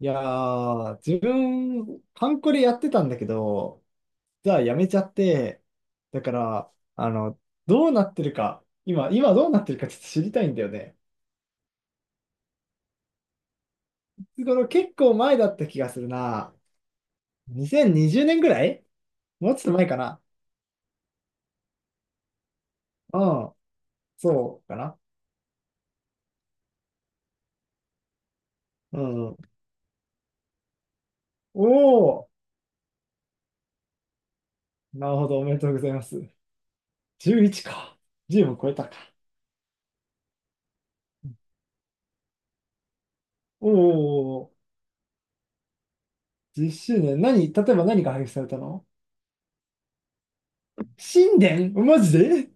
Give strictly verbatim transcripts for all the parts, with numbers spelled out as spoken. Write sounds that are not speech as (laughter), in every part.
いやー、自分、ハンコでやってたんだけど、じゃあやめちゃって、だから、あの、どうなってるか、今、今どうなってるかちょっと知りたいんだよね。いつ頃結構前だった気がするな。にせんにじゅうねんぐらいもうちょっと前かな。うん、そうかな。うん。おー、なるほど、おめでとうございます。じゅういちか。じゅうも超えたか。おー、じゅっしゅうねん。何、例えば何が配布されたの神殿マジで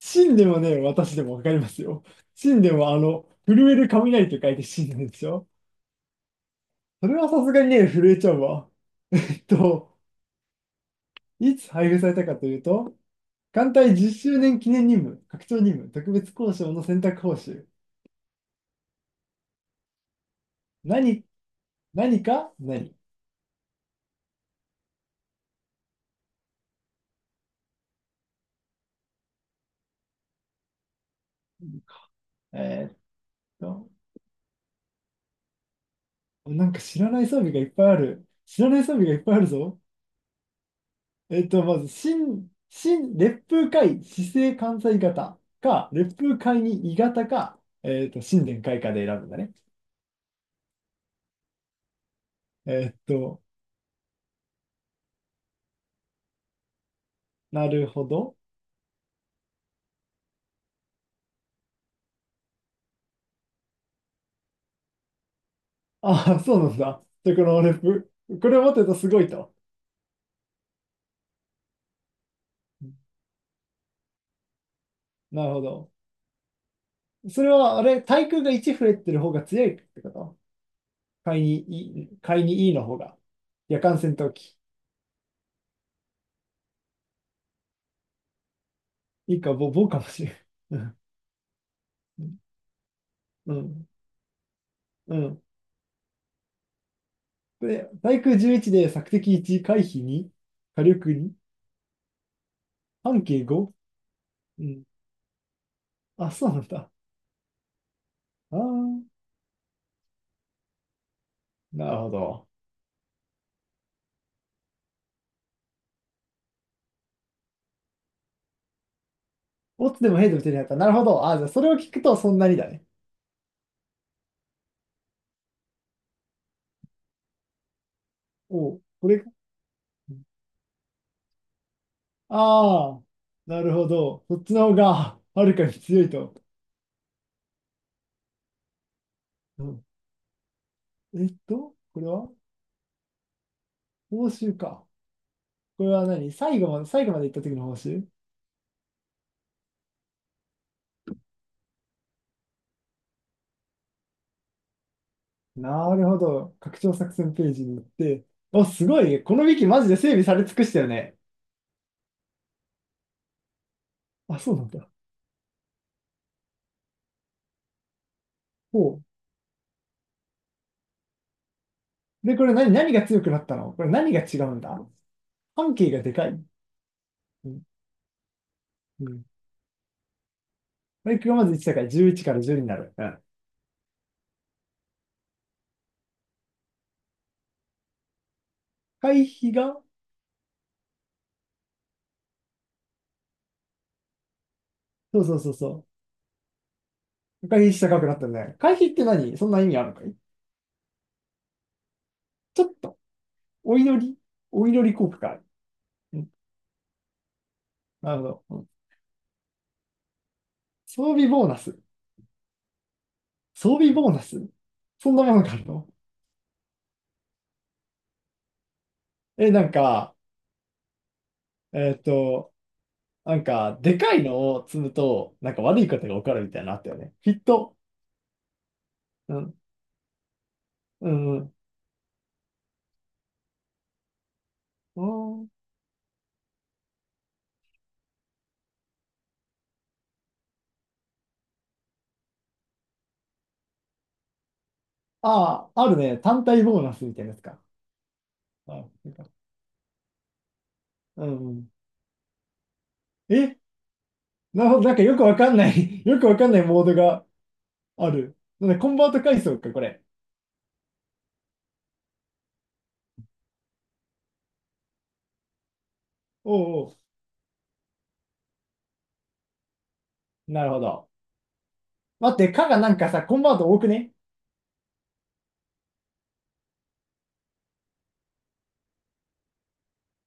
神でもね、私でもわかりますよ。神でもあの、震える雷と書いて神なんですよ。それはさすがにね、震えちゃうわ。えっと、いつ配布されたかというと、艦隊じゅっしゅうねん記念任務、拡張任務、特別交渉の選択報酬。何、何か何えーっと、なんか知らない装備がいっぱいある。知らない装備がいっぱいあるぞ。えっと、まず、新、新、烈風会、市政関西型か、烈風会に異型か、えっと、新年開花で選ぶんだね。えっと、なるほど。ああ、そうなんだ。で、この烈風、これを持ってるとすごいと。なるほど。それは、あれ、対空がいち増えてる方が強いってこと会にいい、会にいいの方が。夜間戦闘機。いいか、ぼ、ぼかもしれん。うん、うん。うん。で、対空じゅういちで索敵いち、回避に火力に半径 ご？ うん。あ、そうなんだ。ああ、なるほど。オツでもヘイでも手に入った。なるほど。あ、じゃあそれを聞くとそんなにだね。おう、これか。ああ、なるほど。そっちの方がはるかに強いと。うん。えっと、これは報酬か。これは何最後まで、最後まで行った時の報酬。なるほど。拡張作戦ページに行って。あ、すごい。このウィキマジで整備され尽くしたよね。あ、そうなんだ。ほう。で、これ何、何が強くなったのこれ何が違うんだ。半径がでかい。うん。うん。バイクがまずいちだからじゅういちからいちになる。うん。回避が、そうそうそうそう。回避した高くなったね。回避って何そんな意味あるのかい。ちょっと、お祈り、お祈り効果か。うん、なるほど、うん。装備ボーナス。装備ボーナスそんなものがあるの。え、なんか、えっと、なんか、でかいのを積むと、なんか悪いことが起こるみたいなのあったよね。フィット。うん、うん、うん。ああ、あるね。単体ボーナスみたいなやつか。あ、なんか、うんうん。え、なるほど、なんかよくわかんない (laughs) よくわかんないモードがある。なんでコンバート階層か、これ。おうおう、なるほど。待って、かがなんかさ、コンバート多くね。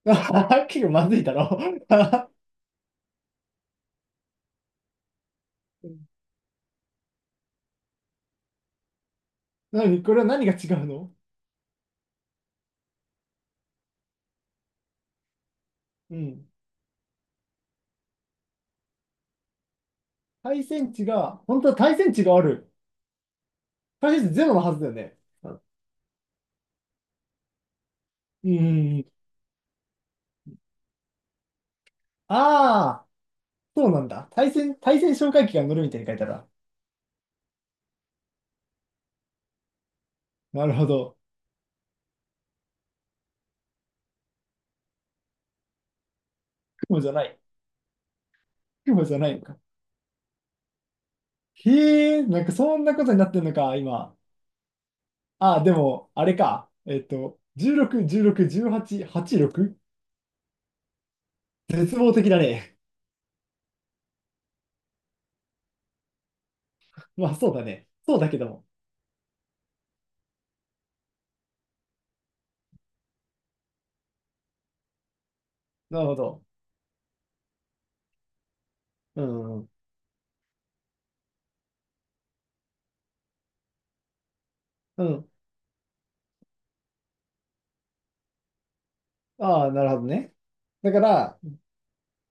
結構 (laughs) まずいだろ (laughs) なに、これは何が違うの。うん。対戦値が、本当は対戦値がある。対戦値ゼロのはずだよね。うん。うん。ああ、そうなんだ。対戦、対戦哨戒機が乗るみたいに書いてあるな。なるほど。雲じゃない。雲じゃないのか。へえ、なんかそんなことになってんのか、今。あ、でも、あれか。えっと、じゅうろく、じゅうろく、じゅうはち、はちじゅうろく？ 絶望的だね。(laughs) まあ、そうだね。そうだけども。なるほど。うん。うん。ああ、なるほどね。だから、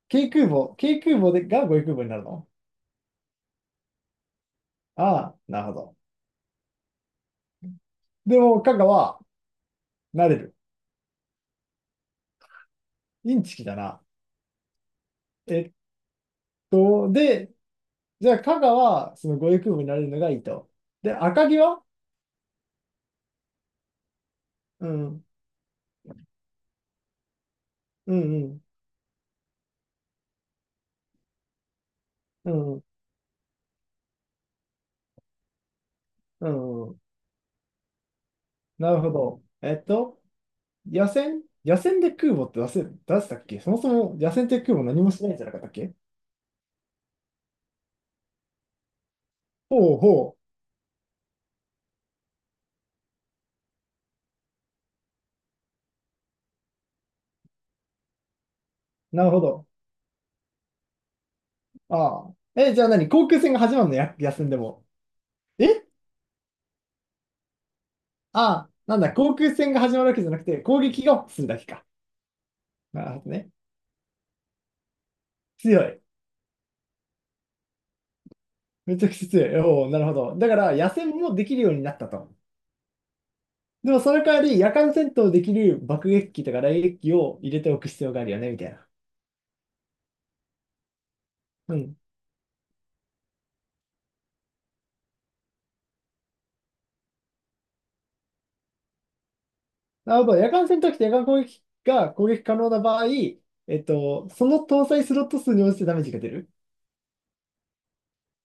軽空母、軽空母でが護衛空母になるの。ああ、なるほど。でも、加賀は、なれる。インチキだな。えっと、で、じゃあ、加賀は、その護衛空母になれるのがいいと。で、赤城は、うん、うん、うん、うん、うん。なるほど。えっと、野戦野戦で空母って出せ、出したっけそもそも野戦って空母何もしないんじゃなかったっけ。ほうほう。なるほど。ああ。え、じゃあ何航空戦が始まるのや、野戦でも。え、ああ、なんだ、航空戦が始まるわけじゃなくて、攻撃がするだけか。なるほどね。強い。めちゃくちゃ強い。おお、なるほど。だから、野戦もできるようになったと。でも、その代わり、夜間戦闘できる爆撃機とか雷撃機を入れておく必要があるよね、みたいな。うん。なるほど。夜間戦闘機と夜間攻撃が攻撃可能な場合、えっと、その搭載スロット数に応じてダメージが出る。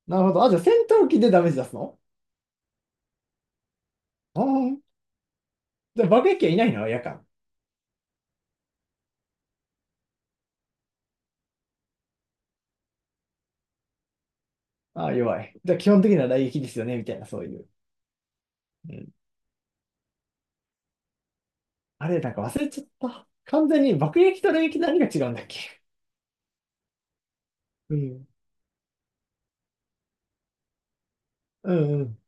なるほど。あ、じゃあ戦闘機でダメージ出すの。ああー、じゃあ爆撃機はいないの夜間。ああ、弱い。じゃあ基本的な雷撃ですよねみたいな、そういう。うん。あれ、なんか忘れちゃった。完全に爆撃と雷撃何が違うんだっけ。うん。うんうん。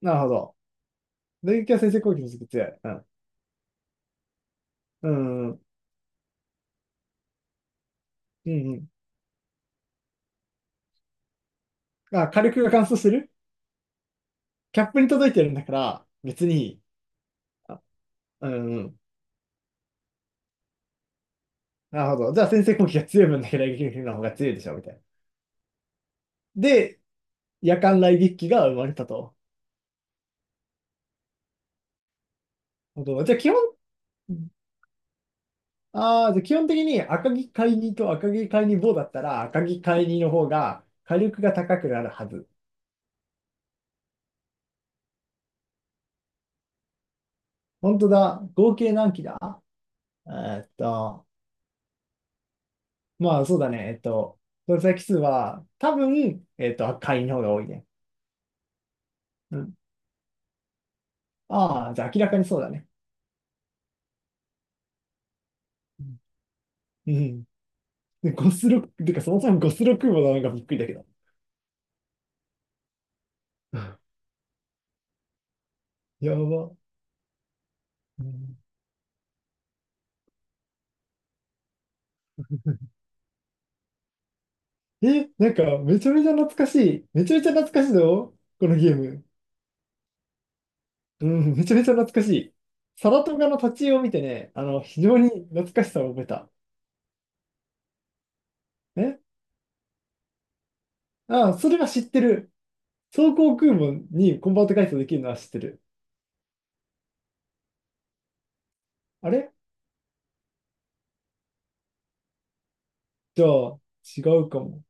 なるほど。雷撃は先制攻撃につく強い。うん。うんうん。うんうん。あ、火力が乾燥してるキャップに届いてるんだから、別に。あ、うんうん。なるほど。じゃあ先制攻撃が強い分だけ雷撃の方が強いでしょ、みたいな。で、夜間雷撃機が生まれたと。なるほど。じゃあ基本、ああ、じゃあ基本的に赤城海二と赤城海二棒だったら赤城海二の方が火力が高くなるはず。本当だ。合計何機だ。えーっと、まあそうだね。えっと、搭載機数は多分、えっと、赤海の方が多いね。うん。ああ、じゃあ明らかにそうだね。うん。うん。でゴスロ、てかそもそもゴスロ空母なのがびっくりだけど。(laughs) やば。うん (laughs) え、なんか、めちゃめちゃ懐かしい。めちゃめちゃ懐かしいぞ、このゲーム。うん、めちゃめちゃ懐かしい。サラトガの立ち絵を見てね、あの、非常に懐かしさを覚えた。え、ああ、それは知ってる。装甲空母にコンバート改装できるのは知ってる。あれじゃあ、違うかも。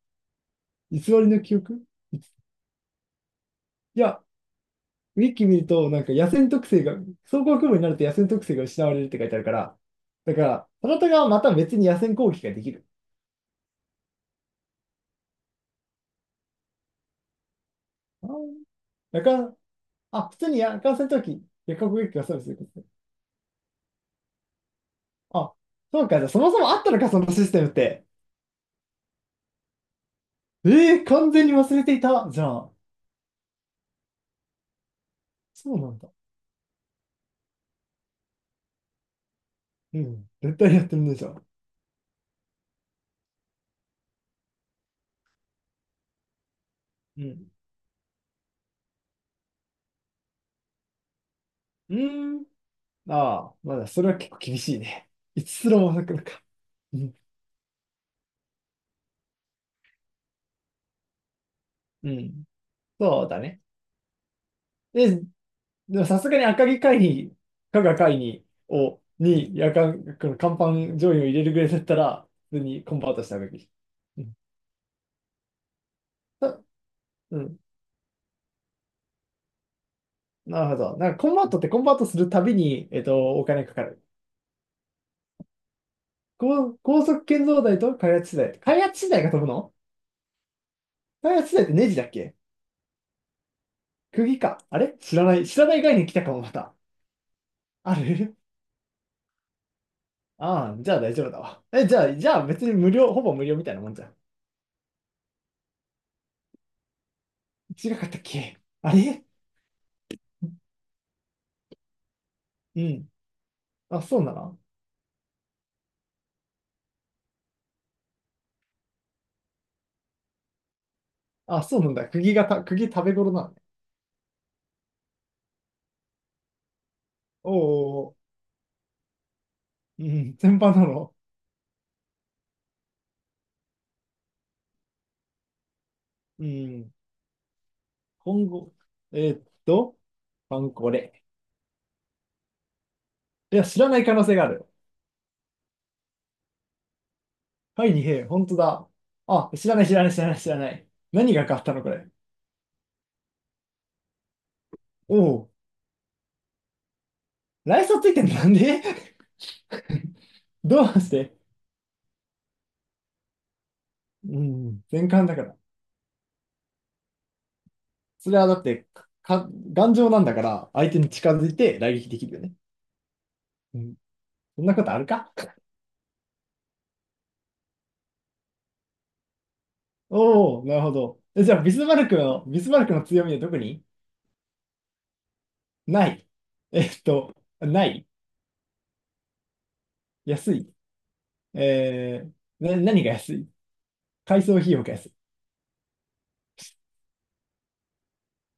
偽りの記憶いついや、ウィキ見ると、なんか野戦特性が、装甲空母になると野戦特性が失われるって書いてあるから、だから、サラトガはまた別に野戦攻撃ができる。ああ、だから、あ、普通に夜間戦闘機、夜間攻撃機がそうですよ。あ、そうか、じゃあそもそもあったのか、そのシステムって。えー、完全に忘れていた。じゃあ、そうなんだ。うん、絶対やってるね、じゃあ。うん。うーん。ああ、まだ、それは結構厳しいね。いつすらもなくのか。うん。うん。そうだね。で、でもさすがに赤城会議、加賀会議を、に、夜間、この甲板上位を入れるぐらいだったら、普通にコンバートしたべき。うん。た、うん。なるほど。なんかコンバートってコンバートするたびに、えっと、お金かかる。高、高速建造台と開発資材。開発資材が飛ぶの。開発資材ってネジだっけ。釘か。あれ知らない。知らない概念来たかも、また。ある (laughs) ああ、じゃあ大丈夫だわ。え、じゃあ、じゃあ別に無料、ほぼ無料みたいなもんじゃん。違かったっけあれうん。あ、そうなの。あ、そうなんだ。釘がた、釘食べ頃なのね。おうおうおう、うん、全般なの。うん。今後、えーっと、パンコレ。いや、知らない可能性がある。はい、二平、本当だ。あ、知らない、知らない、知らない、知らない。何が変わったの、これ。おお、ライーついてんのなんで (laughs) どうして。うん、全巻だから。それはだって、か、か頑丈なんだから、相手に近づいて来撃できるよね。うん。そんなことあるか。おお、なるほど。え、じゃあ、ビスマルクの、ビスマルクの強みはどこに。ない。えっと、ない。安い。えー、な、何が安い改装費用が安い。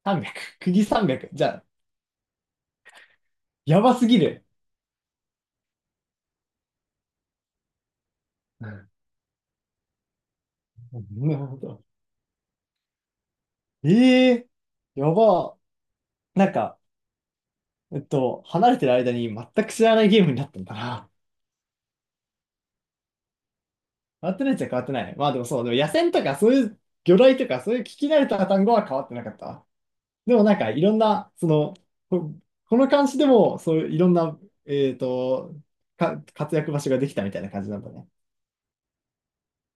さんびゃく。釘さんびゃく。じゃあ、やばすぎる。うん。なるほど。ええー、やば。なんか、えっと、離れてる間に全く知らないゲームになったんだな。変わってないっちゃ変わってない。まあでもそう、でも野戦とかそういう魚雷とかそういう聞き慣れた単語は変わってなかった。でもなんかいろんな、その、こ、この監視でもそういういろんな、えっと、か、活躍場所ができたみたいな感じなんだね。